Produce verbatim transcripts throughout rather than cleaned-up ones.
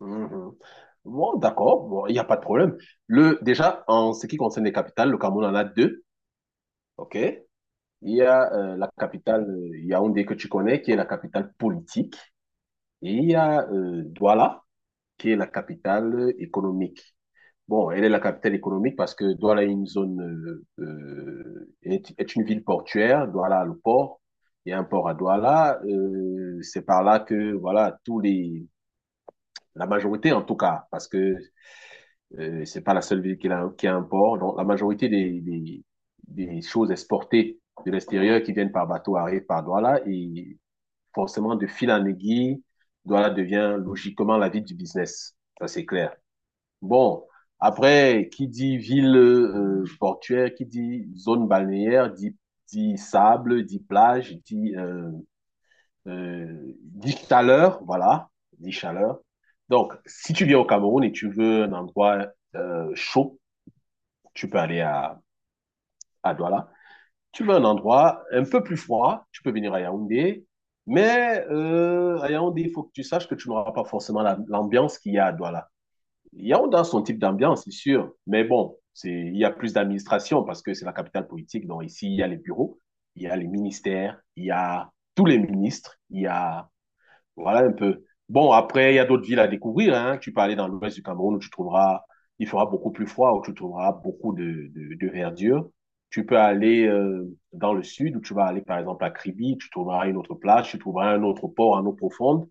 Mhm. Bon, d'accord, bon, il n'y a pas de problème. Le, déjà, en ce qui concerne les capitales, le Cameroun en a deux, ok? Il y a euh, la capitale euh, Yaoundé que tu connais, qui est la capitale politique, et il y a euh, Douala, qui est la capitale euh, économique. Bon, elle est la capitale économique parce que Douala est une zone, euh, euh, est, est une ville portuaire. Douala a le port. Il y a un port à Douala. Euh, c'est par là que, voilà, tous les, la majorité en tout cas, parce que Euh, c'est pas la seule ville qui a, qui a un port. Donc, la majorité des, des, des choses exportées de l'extérieur qui viennent par bateau arrivent par Douala et forcément, de fil en aiguille, Douala devient logiquement la ville du business. Ça, c'est clair. Bon. Après, qui dit ville euh, portuaire, qui dit zone balnéaire, dit, dit sable, dit plage, dit, euh, euh, dit chaleur, voilà, dit chaleur. Donc, si tu viens au Cameroun et tu veux un endroit euh, chaud, tu peux aller à, à Douala. Tu veux un endroit un peu plus froid, tu peux venir à Yaoundé. Mais euh, à Yaoundé, il faut que tu saches que tu n'auras pas forcément la- l'ambiance qu'il y a à Douala. Yaoundé a son type d'ambiance, c'est sûr. Mais bon, c'est, il y a plus d'administration parce que c'est la capitale politique. Donc ici, il y a les bureaux, il y a les ministères, il y a tous les ministres, il y a voilà un peu. Bon, après, il y a d'autres villes à découvrir, hein. Tu peux aller dans l'ouest du Cameroun où tu trouveras, il fera beaucoup plus froid, où tu trouveras beaucoup de, de, de verdure. Tu peux aller euh, dans le sud où tu vas aller par exemple à Kribi, tu trouveras une autre plage, tu trouveras un autre port en eau profonde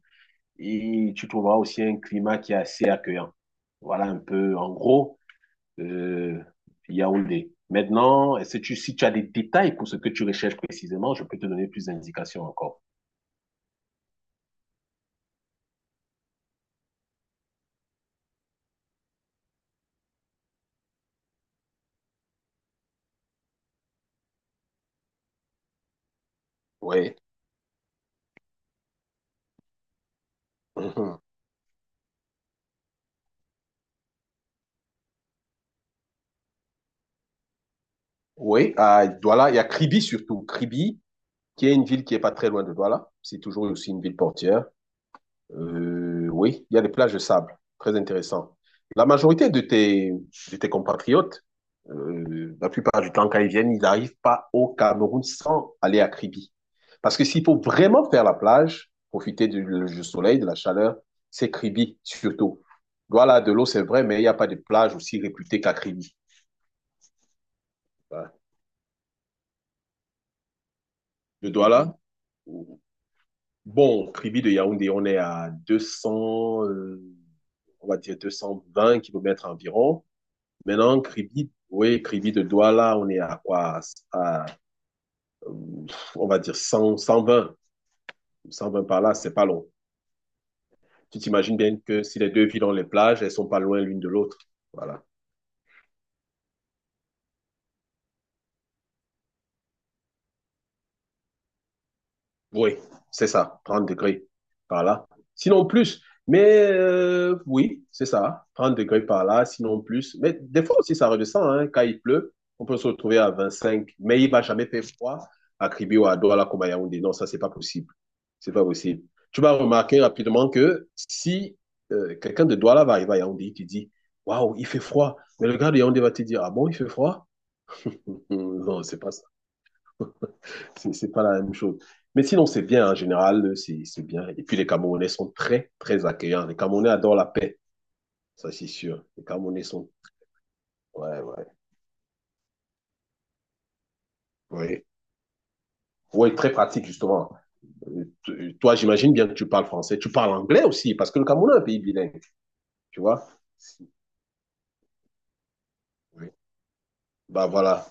et tu trouveras aussi un climat qui est assez accueillant. Voilà un peu, en gros, euh, Yaoundé. Maintenant, est-ce que tu, si tu as des détails pour ce que tu recherches précisément, je peux te donner plus d'indications encore. Oui. Oui, à Douala, il y a Kribi surtout. Kribi, qui est une ville qui est pas très loin de Douala. C'est toujours aussi une ville portière. Euh, oui, il y a des plages de sable. Très intéressant. La majorité de tes, de tes compatriotes, euh, la plupart du temps, quand ils viennent, ils n'arrivent pas au Cameroun sans aller à Kribi. Parce que s'il faut vraiment faire la plage, profiter du, du soleil, de la chaleur, c'est Kribi surtout. Douala, de l'eau, c'est vrai, mais il n'y a pas de plage aussi réputée qu'à Kribi. Voilà. De Douala, bon, Kribi de Yaoundé, on est à deux cents, euh, on va dire deux cent vingt kilomètres environ. Maintenant, Kribi, oui, Kribi de Douala, on est à quoi? À, euh, on va dire cent, cent vingt, cent vingt par là, c'est pas long. Tu t'imagines bien que si les deux villes ont les plages, elles sont pas loin l'une de l'autre. Voilà. Oui, c'est ça, trente degrés par là. Sinon plus, mais euh, oui, c'est ça, trente degrés par là, sinon plus. Mais des fois aussi, ça redescend, hein, quand il pleut, on peut se retrouver à vingt-cinq. Mais il va jamais faire froid à Kribi ou à Douala comme à Yaoundé. Non, ça, c'est pas possible. C'est pas possible. Tu vas remarquer rapidement que si euh, quelqu'un de Douala va arriver à Yaoundé, tu dis, waouh, il fait froid. Mais le gars de Yaoundé va te dire, ah bon, il fait froid? Non, c'est pas ça, c'est c'est pas la même chose. Mais sinon, c'est bien en général, c'est c'est bien. Et puis les Camerounais sont très, très accueillants. Les Camerounais adorent la paix, ça c'est sûr. Les Camerounais sont... Ouais, ouais, ouais. Ouais, très pratique justement. Euh, t- Toi, j'imagine bien que tu parles français. Tu parles anglais aussi, parce que le Cameroun est un pays bilingue, tu vois. Si. Oui. Bah voilà.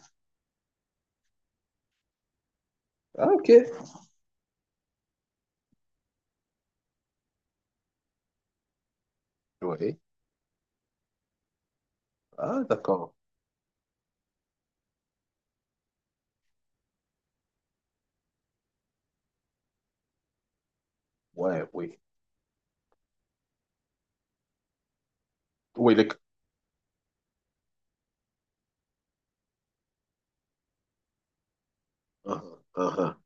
Ah, ok. Oui. Ah, d'accord. Ouais, oui. Oui, les... Ah, ah, ah.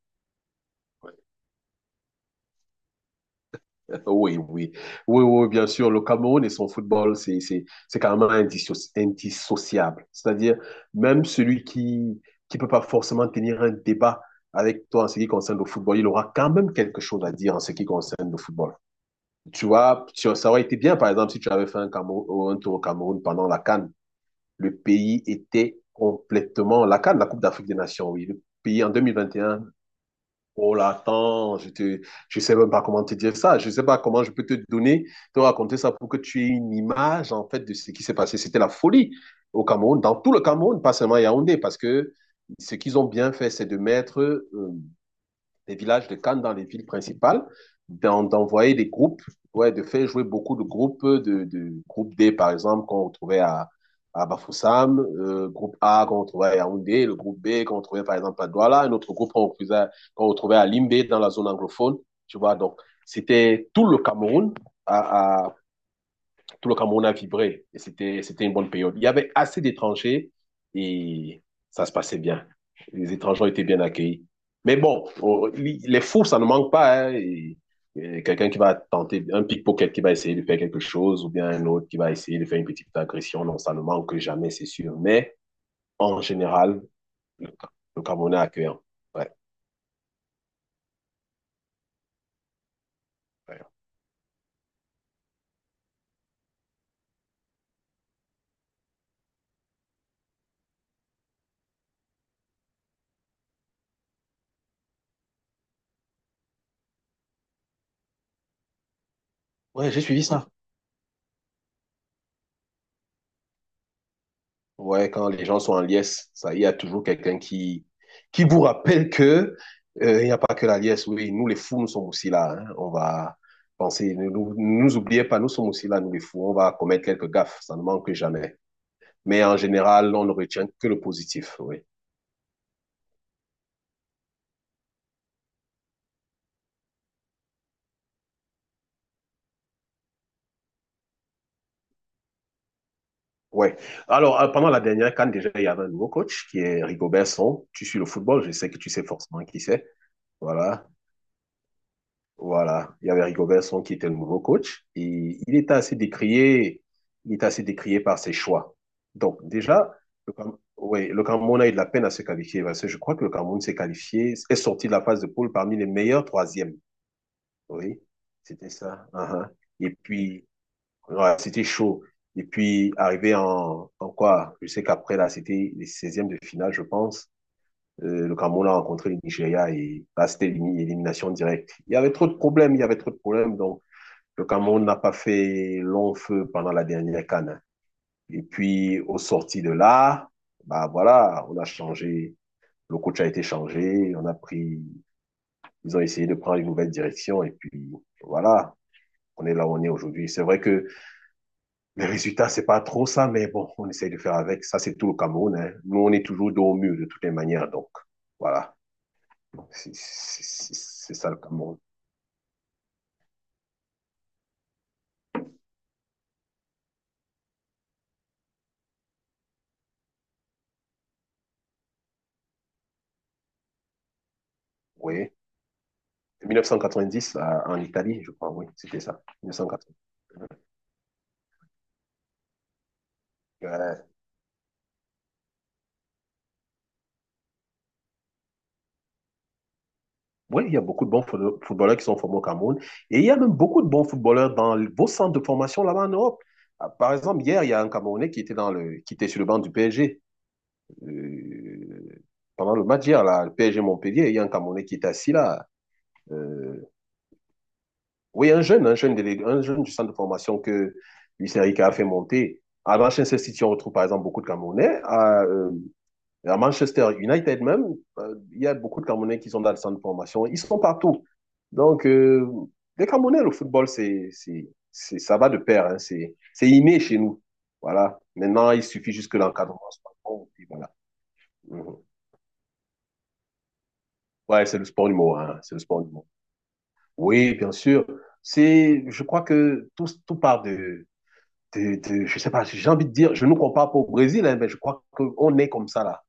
Oui, oui, oui, oui, oui, bien sûr. Le Cameroun et son football, c'est, c'est, c'est carrément indisso- indissociable. C'est-à-dire, même celui qui qui peut pas forcément tenir un débat avec toi en ce qui concerne le football, il aura quand même quelque chose à dire en ce qui concerne le football. Tu vois, tu- ça aurait été bien, par exemple, si tu avais fait un, Cameroun, un tour au Cameroun pendant la CAN. Le pays était complètement, la CAN, la Coupe d'Afrique des Nations, oui. Le pays en deux mille vingt et un. Oh là, attends, je te, je sais même pas comment te dire ça. Je sais pas comment je peux te donner, te raconter ça pour que tu aies une image, en fait, de ce qui s'est passé. C'était la folie au Cameroun, dans tout le Cameroun, pas seulement à Yaoundé, parce que ce qu'ils ont bien fait, c'est de mettre euh, des villages de Cannes dans les villes principales, d'envoyer des groupes, ouais, de faire jouer beaucoup de groupes, de, de groupe D par exemple qu'on retrouvait à, à Bafoussam, euh, groupe A qu'on retrouvait à Yaoundé, le groupe B qu'on retrouvait par exemple à Douala, un autre groupe qu'on retrouvait, qu'on retrouvait à Limbé dans la zone anglophone, tu vois. Donc c'était tout le Cameroun à, à tout le Cameroun a vibré et c'était, c'était une bonne période. Il y avait assez d'étrangers et ça se passait bien. Les étrangers ont été bien accueillis. Mais bon, on- les fous, ça ne manque pas, hein. et- et Quelqu'un qui va tenter, un pickpocket qui va essayer de faire quelque chose, ou bien un autre qui va essayer de faire une petite agression, non, ça ne manque jamais, c'est sûr. Mais en général, le, le Cameroun est accueillant. Ouais, ouais. Ouais, j'ai suivi ça. Ouais, quand les gens sont en liesse, ça, il y a toujours quelqu'un qui, qui vous rappelle que euh, il n'y a pas que la liesse. Oui, nous les fous, nous sommes aussi là, hein. On va penser, ne nous, ne nous oubliez pas, nous sommes aussi là, nous les fous. On va commettre quelques gaffes, ça ne manque jamais. Mais en général, on ne retient que le positif. Oui. Ouais. Alors, euh, pendant la dernière CAN, déjà, il y avait un nouveau coach qui est Rigobert Song. Tu suis le football, je sais que tu sais forcément qui c'est. Voilà. Voilà, il y avait Rigo Vincent qui était le nouveau coach et il était assez décrié, il était assez décrié par ses choix. Donc déjà, le, Cam- ouais, le Cameroun a eu de la peine à se qualifier parce que je crois que le Cameroun s'est qualifié, est sorti de la phase de poule parmi les meilleurs troisièmes. Oui, c'était ça. Uhum. Et puis, ouais, c'était chaud. Et puis, arrivé en, en quoi? Je sais qu'après, là, c'était les seizièmes de finale, je pense. Euh, le Cameroun a rencontré le Nigeria et là, c'était élimination directe. Il y avait trop de problèmes, il y avait trop de problèmes. Donc, le Cameroun n'a pas fait long feu pendant la dernière CAN. Et puis, au sorti de là, bah voilà, on a changé. Le coach a été changé. On a pris, ils ont essayé de prendre une nouvelle direction. Et puis, voilà, on est là où on est aujourd'hui. C'est vrai que les résultats, c'est pas trop ça, mais bon, on essaye de faire avec. Ça, c'est tout le Cameroun, hein. Nous, on est toujours dos au mur de toutes les manières. Donc, voilà. C'est c'est- c'est ça le Cameroun. Oui. mille neuf cent quatre-vingt-dix à- en Italie, je crois, oui, c'était ça. mille neuf cent quatre-vingt-dix. Euh, oui, il y a beaucoup de bons foot- footballeurs qui sont formés au Cameroun. Et il y a même beaucoup de bons footballeurs dans vos centres de formation là-bas en Europe. Ah, par exemple, hier, il y a un Camerounais qui était, dans le, qui était sur le banc du P S G. Euh, pendant le match hier, là, le P S G Montpellier, il y a un Camerounais qui était assis là. Euh, Oui, un jeune, un jeune délégué, un jeune du centre de formation que Luis Enrique a fait monter. À Manchester City, on retrouve par exemple beaucoup de Camerounais. À, euh, à Manchester United même, euh, il y a beaucoup de Camerounais qui sont dans le centre de formation. Ils sont partout. Donc, euh, les Camerounais, le football, c'est, c'est, c'est- ça va de pair, hein. C'est, c'est inné chez nous. Voilà. Maintenant, il suffit juste que l'encadrement soit bon, et puis voilà. Mhm. Ouais, c'est le sport du mot, hein. C'est le sport du mot. Oui, bien sûr. C'est, je crois que tout, tout part de, de, de- je sais pas, j'ai envie de dire, je ne compare pas au Brésil, hein, mais je crois qu'on est comme ça là.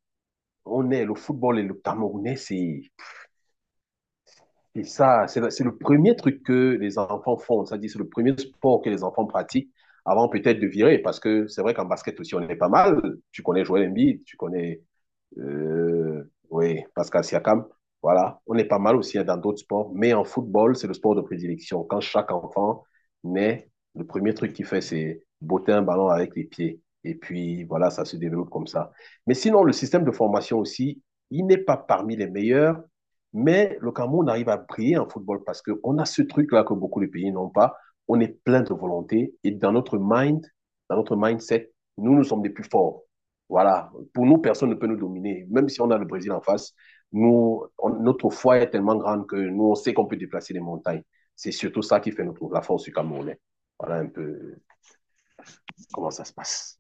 On est, le football et le Camerounais, c'est, et ça, c'est le, c'est le premier truc que les enfants font. Ça dit c'est le premier sport que les enfants pratiquent avant peut-être de virer. Parce que c'est vrai qu'en basket aussi, on est pas mal. Tu connais Joël Embiid, tu connais euh, oui, Pascal Siakam. Voilà, on est pas mal aussi hein, dans d'autres sports. Mais en football, c'est le sport de prédilection. Quand chaque enfant naît, le premier truc qu'il fait, c'est botter un ballon avec les pieds. Et puis, voilà, ça se développe comme ça. Mais sinon, le système de formation aussi, il n'est pas parmi les meilleurs, mais le Cameroun arrive à briller en football parce qu'on a ce truc-là que beaucoup de pays n'ont pas. On est plein de volonté et dans notre mind, dans notre mindset, nous, nous sommes les plus forts. Voilà. Pour nous, personne ne peut nous dominer. Même si on a le Brésil en face, nous, on- notre foi est tellement grande que nous, on sait qu'on peut déplacer les montagnes. C'est surtout ça qui fait notre, la force du Camerounais. Voilà un peu comment ça se passe.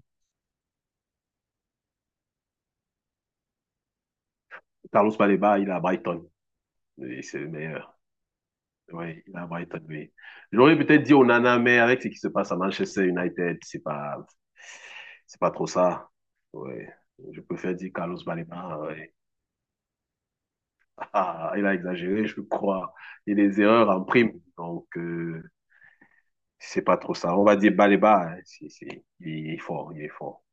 Carlos Baleba, il est à Brighton, c'est le meilleur. Oui, il est à Brighton, oui. J'aurais peut-être dit Onana, mais avec ce qui se passe à Manchester United, c'est pas, c'est pas trop ça. Ouais. Je préfère dire Carlos Balema, ouais. Ah, il a exagéré, je crois. Il y a des erreurs en prime. Donc, euh, c'est pas trop ça. On va dire Baleba, hein. C'est- c'est- il est fort, il est fort.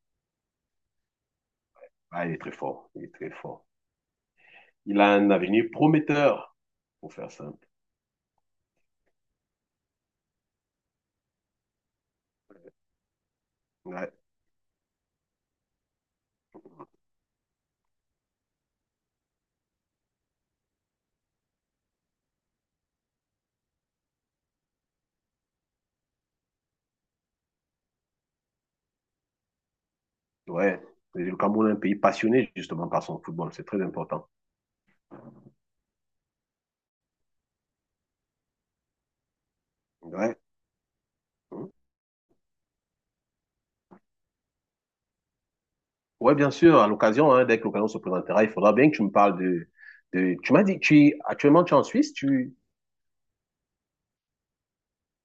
Ah, il est très fort, il est très fort. Il a un avenir prometteur, pour faire simple. Ouais. Ouais. Et le Cameroun est un pays passionné, justement, par son football. C'est très important. Ouais. Ouais, bien sûr, à l'occasion, hein, dès que l'occasion se présentera, il faudra bien que tu me parles de, de... Tu m'as dit, tu actuellement tu es en Suisse, tu...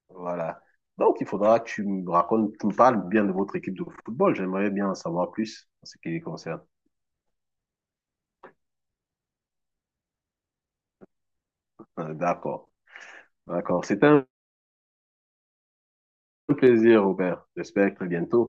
Voilà. Donc, il faudra que tu me racontes, tu me parles bien de votre équipe de football. J'aimerais bien en savoir plus en ce qui les concerne. Euh, D'accord, d'accord. C'était un plaisir, Robert. J'espère que très bientôt.